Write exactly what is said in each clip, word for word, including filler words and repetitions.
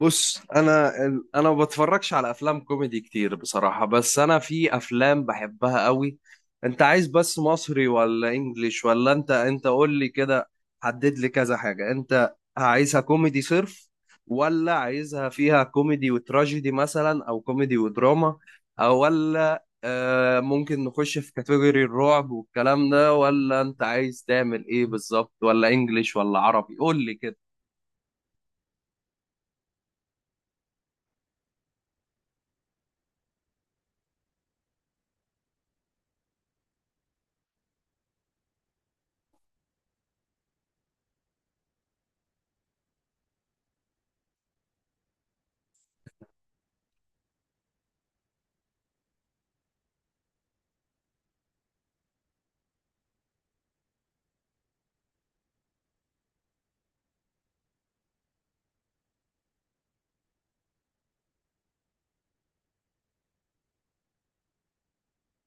بص، انا ال- انا ما بتفرجش على افلام كوميدي كتير بصراحه. بس انا في افلام بحبها قوي. انت عايز بس مصري ولا انجليش، ولا انت انت قول لي كده؟ حدد لي كذا حاجه. انت عايزها كوميدي صرف، ولا عايزها فيها كوميدي وتراجيدي مثلا، او كوميدي ودراما، او ولا آه ممكن نخش في كاتيجوري الرعب والكلام ده، ولا انت عايز تعمل ايه بالظبط؟ ولا انجليش ولا عربي؟ قول لي كده.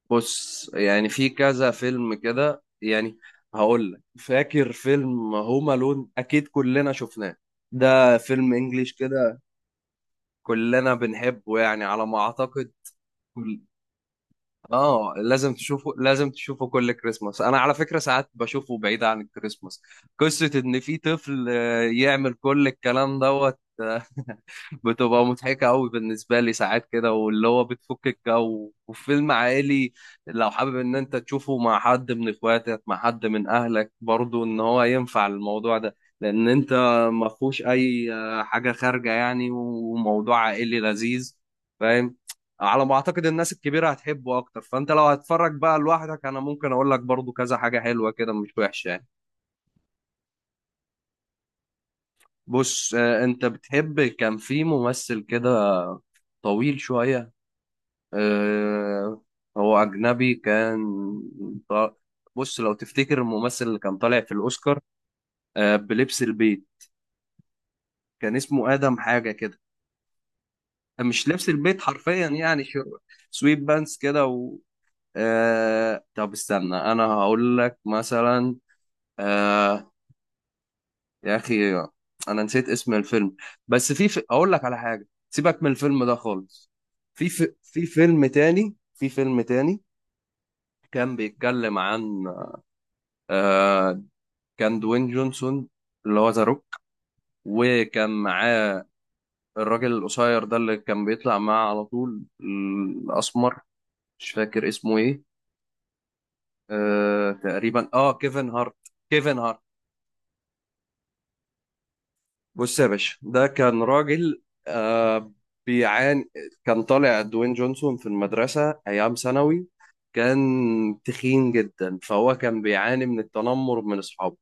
بص، يعني في كذا فيلم كده يعني. هقول لك، فاكر فيلم هوم الون؟ اكيد كلنا شفناه. ده فيلم انجليش كده، كلنا بنحبه يعني على ما اعتقد. كل... اه لازم تشوفه، لازم تشوفه كل كريسماس. انا على فكرة ساعات بشوفه بعيد عن الكريسماس. قصة ان في طفل آه، يعمل كل الكلام دوت. بتبقى مضحكة أوي بالنسبة لي ساعات كده، واللي هو بتفك الجو وفيلم عائلي. لو حابب إن أنت تشوفه مع حد من إخواتك، مع حد من أهلك برضو، إن هو ينفع الموضوع ده، لأن أنت ما فيهوش أي آه، حاجة خارجة يعني، وموضوع عائلي لذيذ. فاهم؟ على ما أعتقد الناس الكبيرة هتحبه أكتر، فأنت لو هتتفرج بقى لوحدك، أنا ممكن أقول لك برضو كذا حاجة حلوة كده مش وحشة يعني. بص، آه، أنت بتحب. كان في ممثل كده طويل شوية، آه، هو أجنبي كان. ط- بص، لو تفتكر الممثل اللي كان طالع في الأوسكار، آه، بلبس البيت، كان اسمه آدم حاجة كده. آه، مش لبس البيت حرفيا يعني، شر- سويت بانس كده، و آه، طب استنى، أنا هقول لك مثلا. آه، يا أخي، أنا نسيت اسم الفيلم. بس في في- أقول لك على حاجة، سيبك من الفيلم ده خالص. في في في فيلم تاني، في فيلم تاني كان بيتكلم عن، آه، كان دوين جونسون، اللي هو ذا روك، وكان معاه الراجل القصير ده اللي كان بيطلع معاه على طول، الأسمر، مش فاكر اسمه إيه. آه تقريبا، آه كيفن هارت. كيفن هارت بص يا باشا، ده كان راجل آه بيعاني. كان طالع دوين جونسون في المدرسة أيام ثانوي. كان تخين جدا، فهو كان بيعاني من التنمر من أصحابه،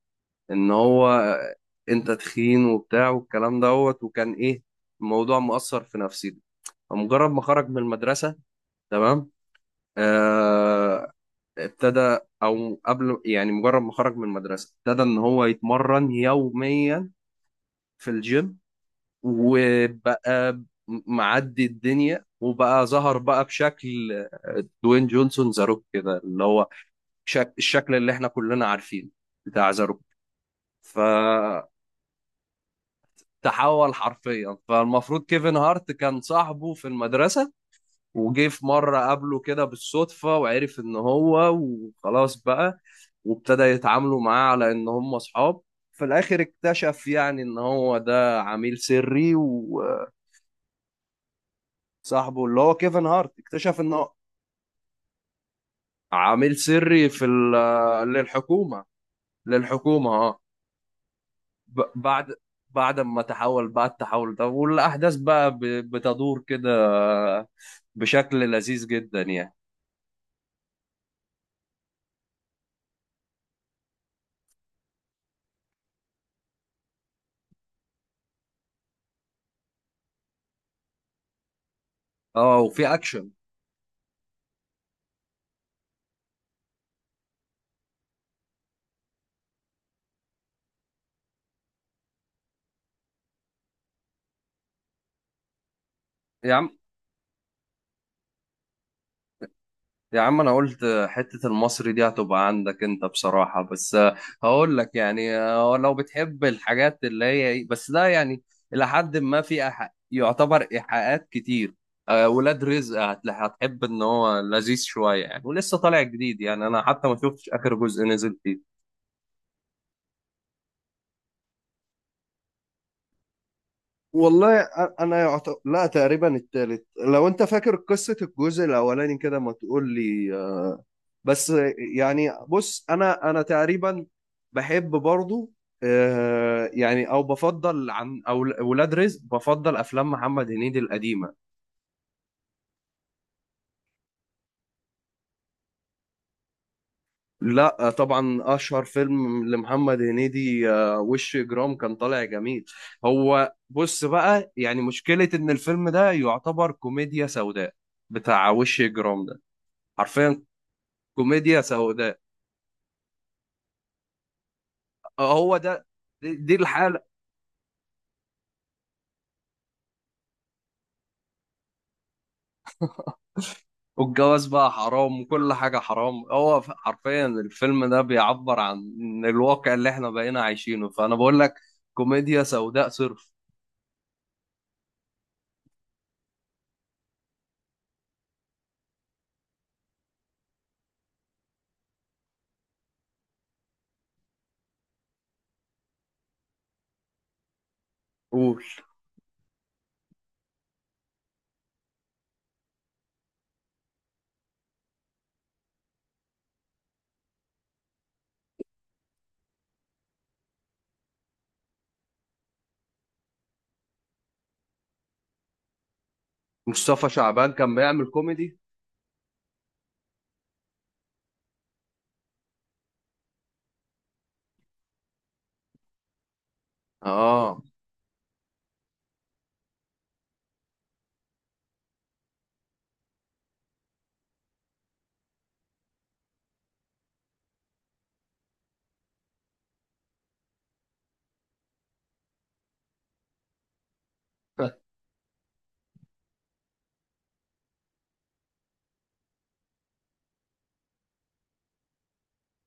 ان هو انت تخين وبتاع والكلام دوت، وكان ايه؟ الموضوع مؤثر في نفسيته. فمجرد ما خرج من المدرسة، تمام، آه ابتدى، او قبل يعني، مجرد ما خرج من المدرسة ابتدى ان هو يتمرن يوميا في الجيم، وبقى معدي الدنيا، وبقى ظهر بقى بشكل دوين جونسون زاروك كده، اللي هو شك الشكل اللي احنا كلنا عارفينه بتاع زاروك. ف تحول حرفيا. فالمفروض كيفن هارت كان صاحبه في المدرسة، وجه في مرة قابله كده بالصدفة، وعرف ان هو، وخلاص بقى وابتدى يتعاملوا معاه على ان هم اصحاب. في الاخر اكتشف يعني ان هو ده عميل سري، وصاحبه اللي هو كيفن هارت اكتشف انه عميل سري في ال- للحكومة. للحكومة اه ب- بعد، بعد ما تحول بقى التحول ده، والاحداث بقى ب- بتدور كده بشكل لذيذ جدا يعني، اه وفي اكشن. يا عم، يا عم، انا قلت حتة المصري دي هتبقى عندك انت بصراحة، بس آه، هقول لك يعني، آه، لو بتحب الحاجات اللي هي إيه، بس ده يعني الى حد ما في إيحاء- يعتبر ايحاءات كتير. آه، ولاد رزق، هتل- هتحب ان هو لذيذ شوية يعني. ولسه طالع جديد يعني، انا حتى ما شفتش اخر جزء نزل فيه. والله، أ- انا يعت... لا، تقريبا التالت، لو انت فاكر قصة الجزء الاولاني كده ما تقول لي. آه، بس يعني، بص انا انا تقريبا بحب برضو، آه، يعني، او بفضل عن، او ولاد رزق، بفضل افلام محمد هنيدي القديمة. لا، آه، طبعا اشهر فيلم لمحمد هنيدي، آه، وش اجرام، كان طالع جميل. هو بص بقى، يعني مشكلة ان الفيلم ده يعتبر كوميديا سوداء، بتاع وش اجرام ده حرفيا، كوميديا سوداء. آه، هو ده. دي, دي الحالة. والجواز بقى حرام، وكل حاجة حرام. هو ف- حرفيا الفيلم ده بيعبر عن الواقع اللي احنا بقينا عايشينه، فأنا بقول لك كوميديا سوداء صرف. قول، مصطفى شعبان كان بيعمل كوميدي؟ اه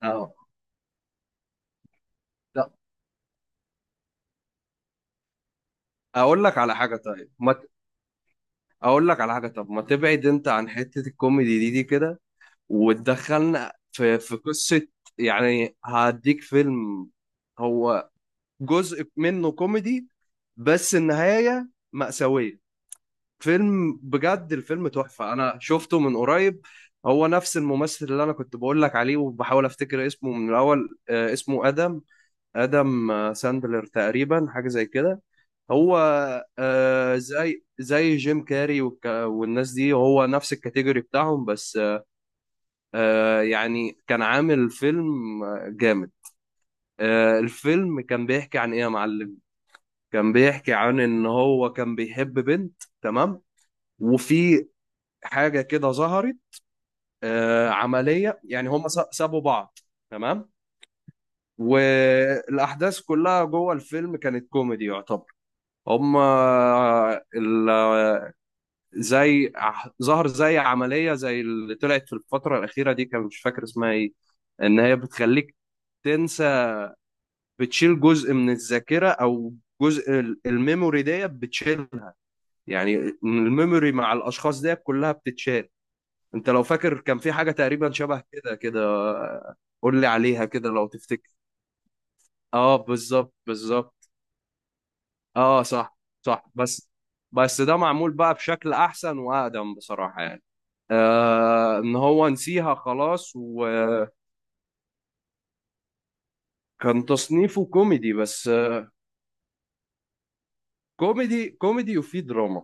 اه لا، اقول لك على حاجه، طيب ما ت- اقول لك على حاجه طب ما تبعد انت عن حته الكوميدي دي دي كده، وتدخلنا في في قصه. يعني هديك فيلم، هو جزء منه كوميدي بس النهاية مأساوية. فيلم بجد، الفيلم تحفة. أنا شفته من قريب. هو نفس الممثل اللي أنا كنت بقول لك عليه وبحاول أفتكر اسمه من الأول. آه، اسمه آدم، آدم آه، ساندلر تقريبا، حاجة زي كده. هو آه، زي، زي جيم كاري والك- والناس دي، هو نفس الكاتيجوري بتاعهم، بس آه، يعني كان عامل فيلم آه، جامد. آه، الفيلم كان بيحكي عن إيه يا معلم؟ كان بيحكي عن ان هو كان بيحب بنت، تمام، وفي حاجه كده ظهرت، آه، عمليه يعني، هم س- سابوا بعض، تمام، والاحداث كلها جوه الفيلم كانت كوميدي يعتبر. هم آه، ال- زي ع- ظهر زي عمليه زي اللي طلعت في الفتره الاخيره دي، كان مش فاكر اسمها ايه، ان هي بتخليك تنسى، بتشيل جزء من الذاكره، او جزء ال- الميموري ديت بتشيله يعني. الميموري مع الاشخاص ديت كلها بتتشال. انت لو فاكر كان في حاجه تقريبا شبه كده كده، قول لي عليها كده لو تفتكر. اه، بالظبط بالظبط. اه صح، صح. بس بس ده معمول بقى بشكل احسن واقدم بصراحه يعني. آه ان هو نسيها خلاص، وكان تصنيفه كوميدي، بس آه، كوميدي كوميدي وفيه دراما.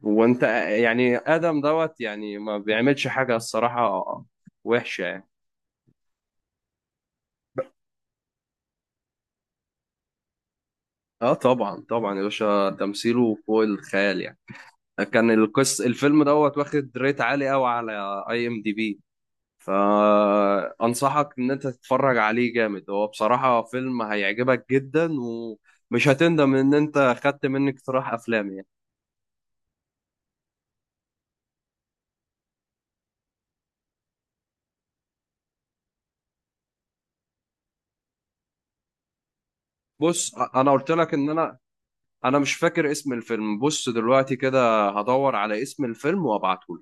وانت يعني ادم دوت يعني ما بيعملش حاجه، الصراحه، وحشه. اه طبعا طبعا يا باشا، تمثيله فوق الخيال يعني. كان القص الفيلم دوت واخد ريت عالي قوي على اي ام دي بي. فانصحك ان انت تتفرج عليه، جامد هو بصراحة، فيلم هيعجبك جدا، ومش هتندم ان انت خدت مني اقتراح افلام يعني. بص، أ- انا قلت لك ان انا انا مش فاكر اسم الفيلم. بص دلوقتي كده هدور على اسم الفيلم وابعته.